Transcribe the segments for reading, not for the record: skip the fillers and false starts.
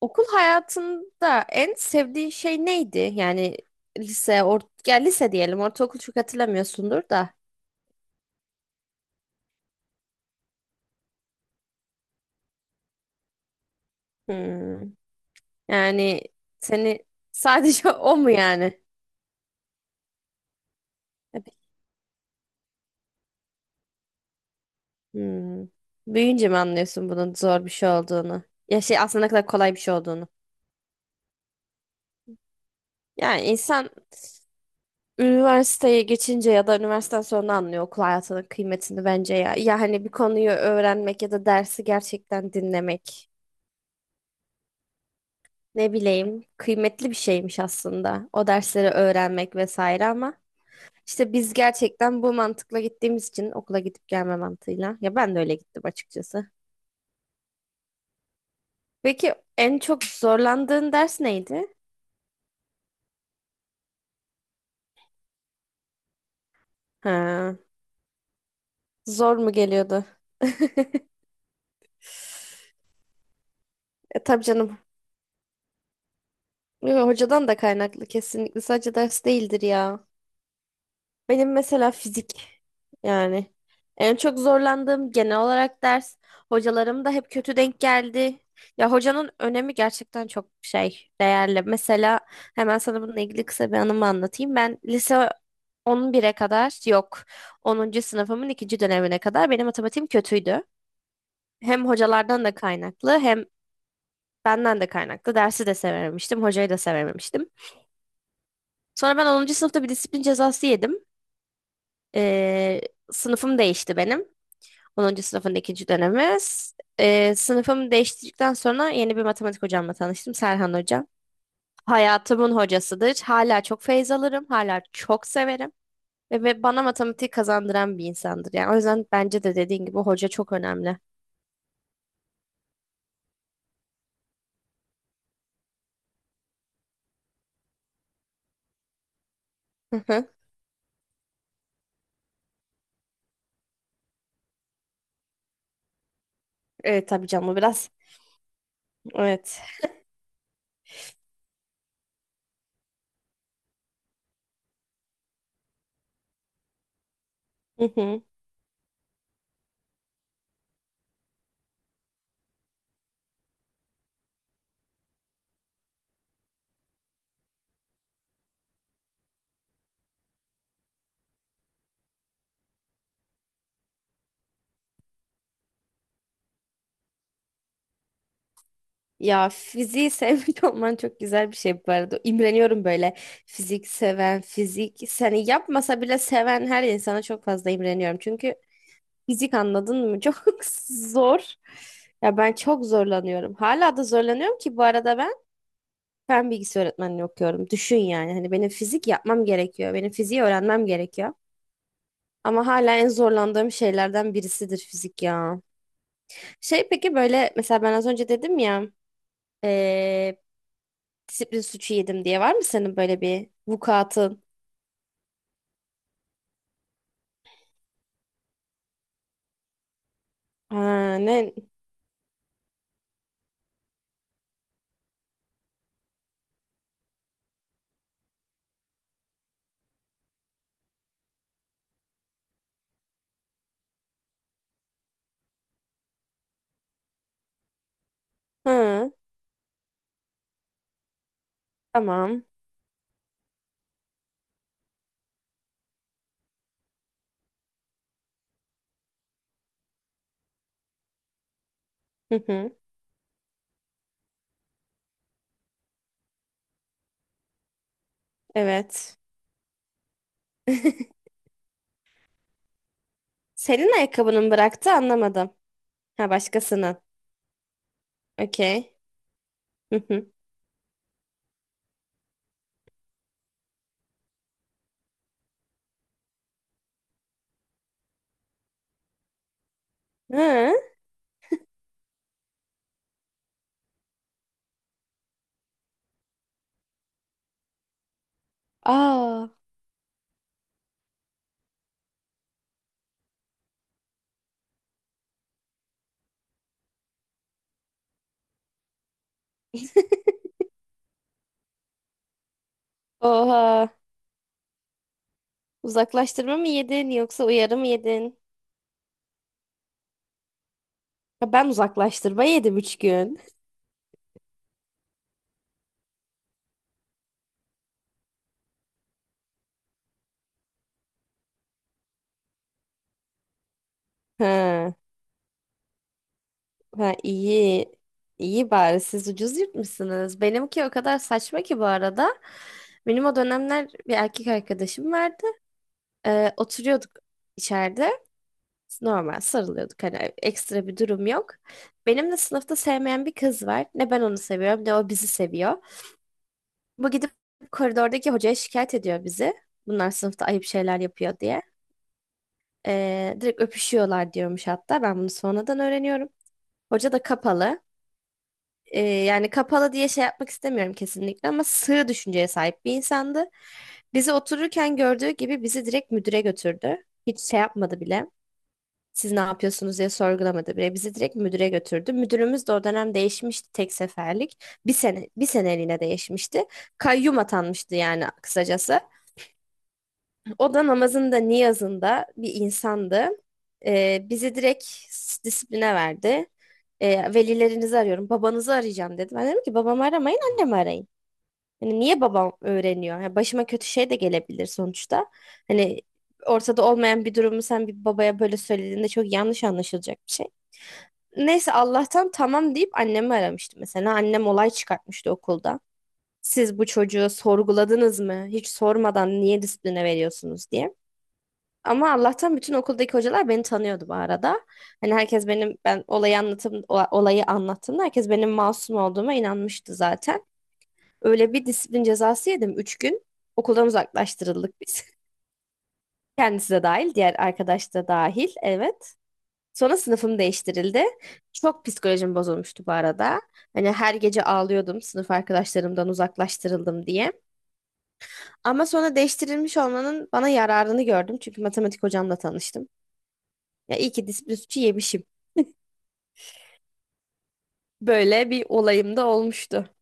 Okul hayatında en sevdiğin şey neydi? Yani lise, or ya lise diyelim, ortaokul çok hatırlamıyorsundur da. Hmm. Yani seni sadece o mu yani? Tabii. Hmm. Büyüyünce mi anlıyorsun bunun zor bir şey olduğunu? Ya şey aslında ne kadar kolay bir şey olduğunu. Yani insan üniversiteye geçince ya da üniversiteden sonra anlıyor okul hayatının kıymetini bence ya. Ya hani bir konuyu öğrenmek ya da dersi gerçekten dinlemek. Ne bileyim, kıymetli bir şeymiş aslında o dersleri öğrenmek vesaire ama işte biz gerçekten bu mantıkla gittiğimiz için okula gidip gelme mantığıyla ya ben de öyle gittim açıkçası. Peki en çok zorlandığın ders neydi? Ha, zor mu geliyordu? Tabii canım. Yo, hocadan da kaynaklı kesinlikle sadece ders değildir ya. Benim mesela fizik, yani en çok zorlandığım genel olarak ders. Hocalarım da hep kötü denk geldi. Ya hocanın önemi gerçekten çok şey değerli. Mesela hemen sana bununla ilgili kısa bir anımı anlatayım. Ben lise 11'e kadar yok, 10. sınıfımın ikinci dönemine kadar benim matematiğim kötüydü. Hem hocalardan da kaynaklı hem benden de kaynaklı. Dersi de sevememiştim, hocayı da sevememiştim. Sonra ben 10. sınıfta bir disiplin cezası yedim. Ee, Sınıfım değişti benim. 10. sınıfın ikinci dönemiz. Sınıfımı değiştirdikten sonra yeni bir matematik hocamla tanıştım. Serhan Hoca. Hayatımın hocasıdır. Hala çok feyz alırım. Hala çok severim. Ve bana matematik kazandıran bir insandır. Yani o yüzden bence de dediğin gibi hoca çok önemli. Hı hı. Evet tabii canım biraz. Evet. Hı hı. Ya fiziği sevmiş olman çok güzel bir şey bu arada. İmreniyorum böyle fizik seven, fizik seni yapmasa bile seven her insana çok fazla imreniyorum. Çünkü fizik anladın mı? Çok zor. Ya ben çok zorlanıyorum. Hala da zorlanıyorum ki bu arada ben fen bilgisi öğretmenliği okuyorum. Düşün yani hani benim fizik yapmam gerekiyor. Benim fiziği öğrenmem gerekiyor. Ama hala en zorlandığım şeylerden birisidir fizik ya. Şey peki böyle mesela ben az önce dedim ya, eee, disiplin suçu yedim diye var mı senin böyle bir vukuatın? Ha, ne? Hı, tamam. Hı hı, evet. Senin ayakkabının bıraktı anlamadım. Ha başkasının. Okey. Hı hı. Ha. Aa. Oha. Uzaklaştırma mı yedin yoksa uyarı mı yedin? Ha, ben uzaklaştırma yedim 3 gün. Ha. Ha iyi. İyi bari siz ucuz yırtmışsınız. Benimki o kadar saçma ki bu arada. Benim o dönemler bir erkek arkadaşım vardı. Oturuyorduk içeride. Normal sarılıyorduk. Hani ekstra bir durum yok. Benim de sınıfta sevmeyen bir kız var. Ne ben onu seviyorum ne o bizi seviyor. Bu gidip koridordaki hocaya şikayet ediyor bizi. Bunlar sınıfta ayıp şeyler yapıyor diye. Direkt öpüşüyorlar diyormuş hatta. Ben bunu sonradan öğreniyorum. Hoca da kapalı. Yani kapalı diye şey yapmak istemiyorum kesinlikle ama sığ düşünceye sahip bir insandı. Bizi otururken gördüğü gibi bizi direkt müdüre götürdü. Hiç şey yapmadı bile. Siz ne yapıyorsunuz diye sorgulamadı bile. Bizi direkt müdüre götürdü. Müdürümüz de o dönem değişmişti tek seferlik. Bir sene bir seneliğine değişmişti. Kayyum atanmıştı yani kısacası. O da namazında, niyazında bir insandı. Bizi direkt disipline verdi. Velilerinizi arıyorum, babanızı arayacağım dedi. Ben dedim ki babamı aramayın, annemi arayın. Hani niye babam öğreniyor? Yani başıma kötü şey de gelebilir sonuçta. Hani ortada olmayan bir durumu sen bir babaya böyle söylediğinde çok yanlış anlaşılacak bir şey. Neyse Allah'tan tamam deyip annemi aramıştı mesela. Annem olay çıkartmıştı okulda. Siz bu çocuğu sorguladınız mı? Hiç sormadan niye disipline veriyorsunuz diye. Ama Allah'tan bütün okuldaki hocalar beni tanıyordu bu arada. Hani herkes benim olayı anlattığımda herkes benim masum olduğuma inanmıştı zaten. Öyle bir disiplin cezası yedim. 3 gün okuldan uzaklaştırıldık biz. Kendisi de dahil, diğer arkadaş da dahil. Evet. Sonra sınıfım değiştirildi. Çok psikolojim bozulmuştu bu arada. Hani her gece ağlıyordum sınıf arkadaşlarımdan uzaklaştırıldım diye. Ama sonra değiştirilmiş olmanın bana yararını gördüm. Çünkü matematik hocamla tanıştım. Ya iyi ki disiplin suçu yemişim. Böyle bir olayım da olmuştu.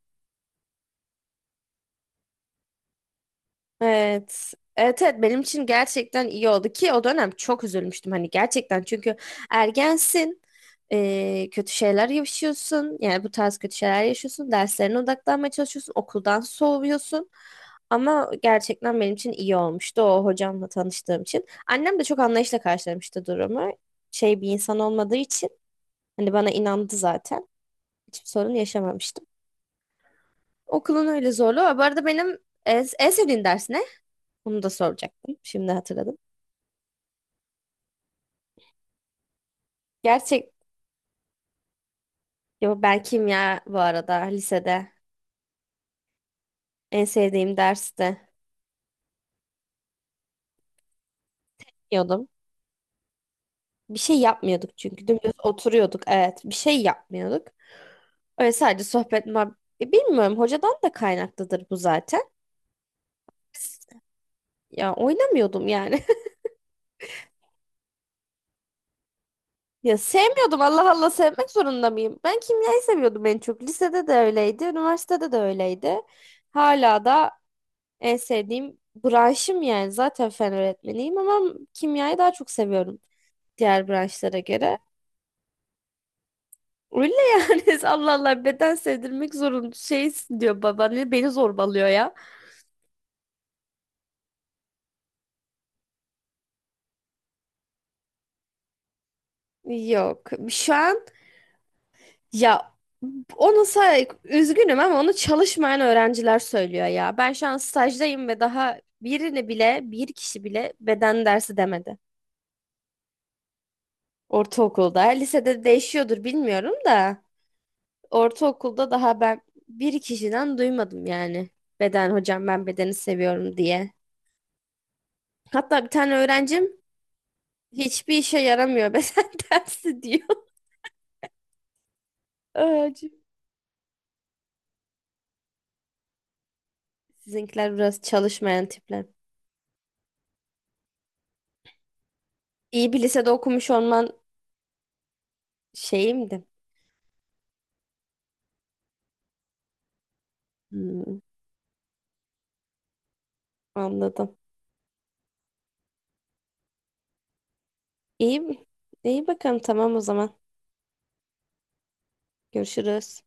Evet. Evet evet benim için gerçekten iyi oldu ki o dönem çok üzülmüştüm hani gerçekten çünkü ergensin, kötü şeyler yaşıyorsun yani bu tarz kötü şeyler yaşıyorsun, derslerine odaklanmaya çalışıyorsun, okuldan soğuyorsun, ama gerçekten benim için iyi olmuştu o hocamla tanıştığım için, annem de çok anlayışla karşılamıştı durumu, şey bir insan olmadığı için hani bana inandı zaten, hiçbir sorun yaşamamıştım. Okulun öyle zorluğu var. Bu arada benim en sevdiğin ders ne? Bunu da soracaktım. Şimdi hatırladım. Gerçek. Yo, ben kimya bu arada lisede en sevdiğim derste diyordum. Bir şey yapmıyorduk çünkü dümdüz oturuyorduk. Evet, bir şey yapmıyorduk. Öyle sadece sohbet. Bilmiyorum hocadan da kaynaklıdır bu zaten. Biz- Ya oynamıyordum yani. Ya sevmiyordum, Allah Allah sevmek zorunda mıyım? Ben kimyayı seviyordum en çok. Lisede de öyleydi, üniversitede de öyleydi. Hala da en sevdiğim branşım, yani zaten fen öğretmeniyim ama kimyayı daha çok seviyorum diğer branşlara göre. Öyle yani. Allah Allah, beden sevdirmek zorun şeysin diyor, baba ne beni zorbalıyor ya. Yok şu an ya, onu say, üzgünüm ama onu çalışmayan öğrenciler söylüyor ya. Ben şu an stajdayım ve daha birini bile bir kişi bile beden dersi demedi. Ortaokulda lisede değişiyordur bilmiyorum da. Ortaokulda daha ben bir kişiden duymadım yani. Beden hocam ben bedeni seviyorum diye. Hatta bir tane öğrencim hiçbir işe yaramıyor beden dersi diyor. Öğrencim. Sizinkiler biraz çalışmayan tipler. İyi bir lisede okumuş olman şeyimdi. Hmm, anladım. İyi, iyi bakalım tamam o zaman. Görüşürüz.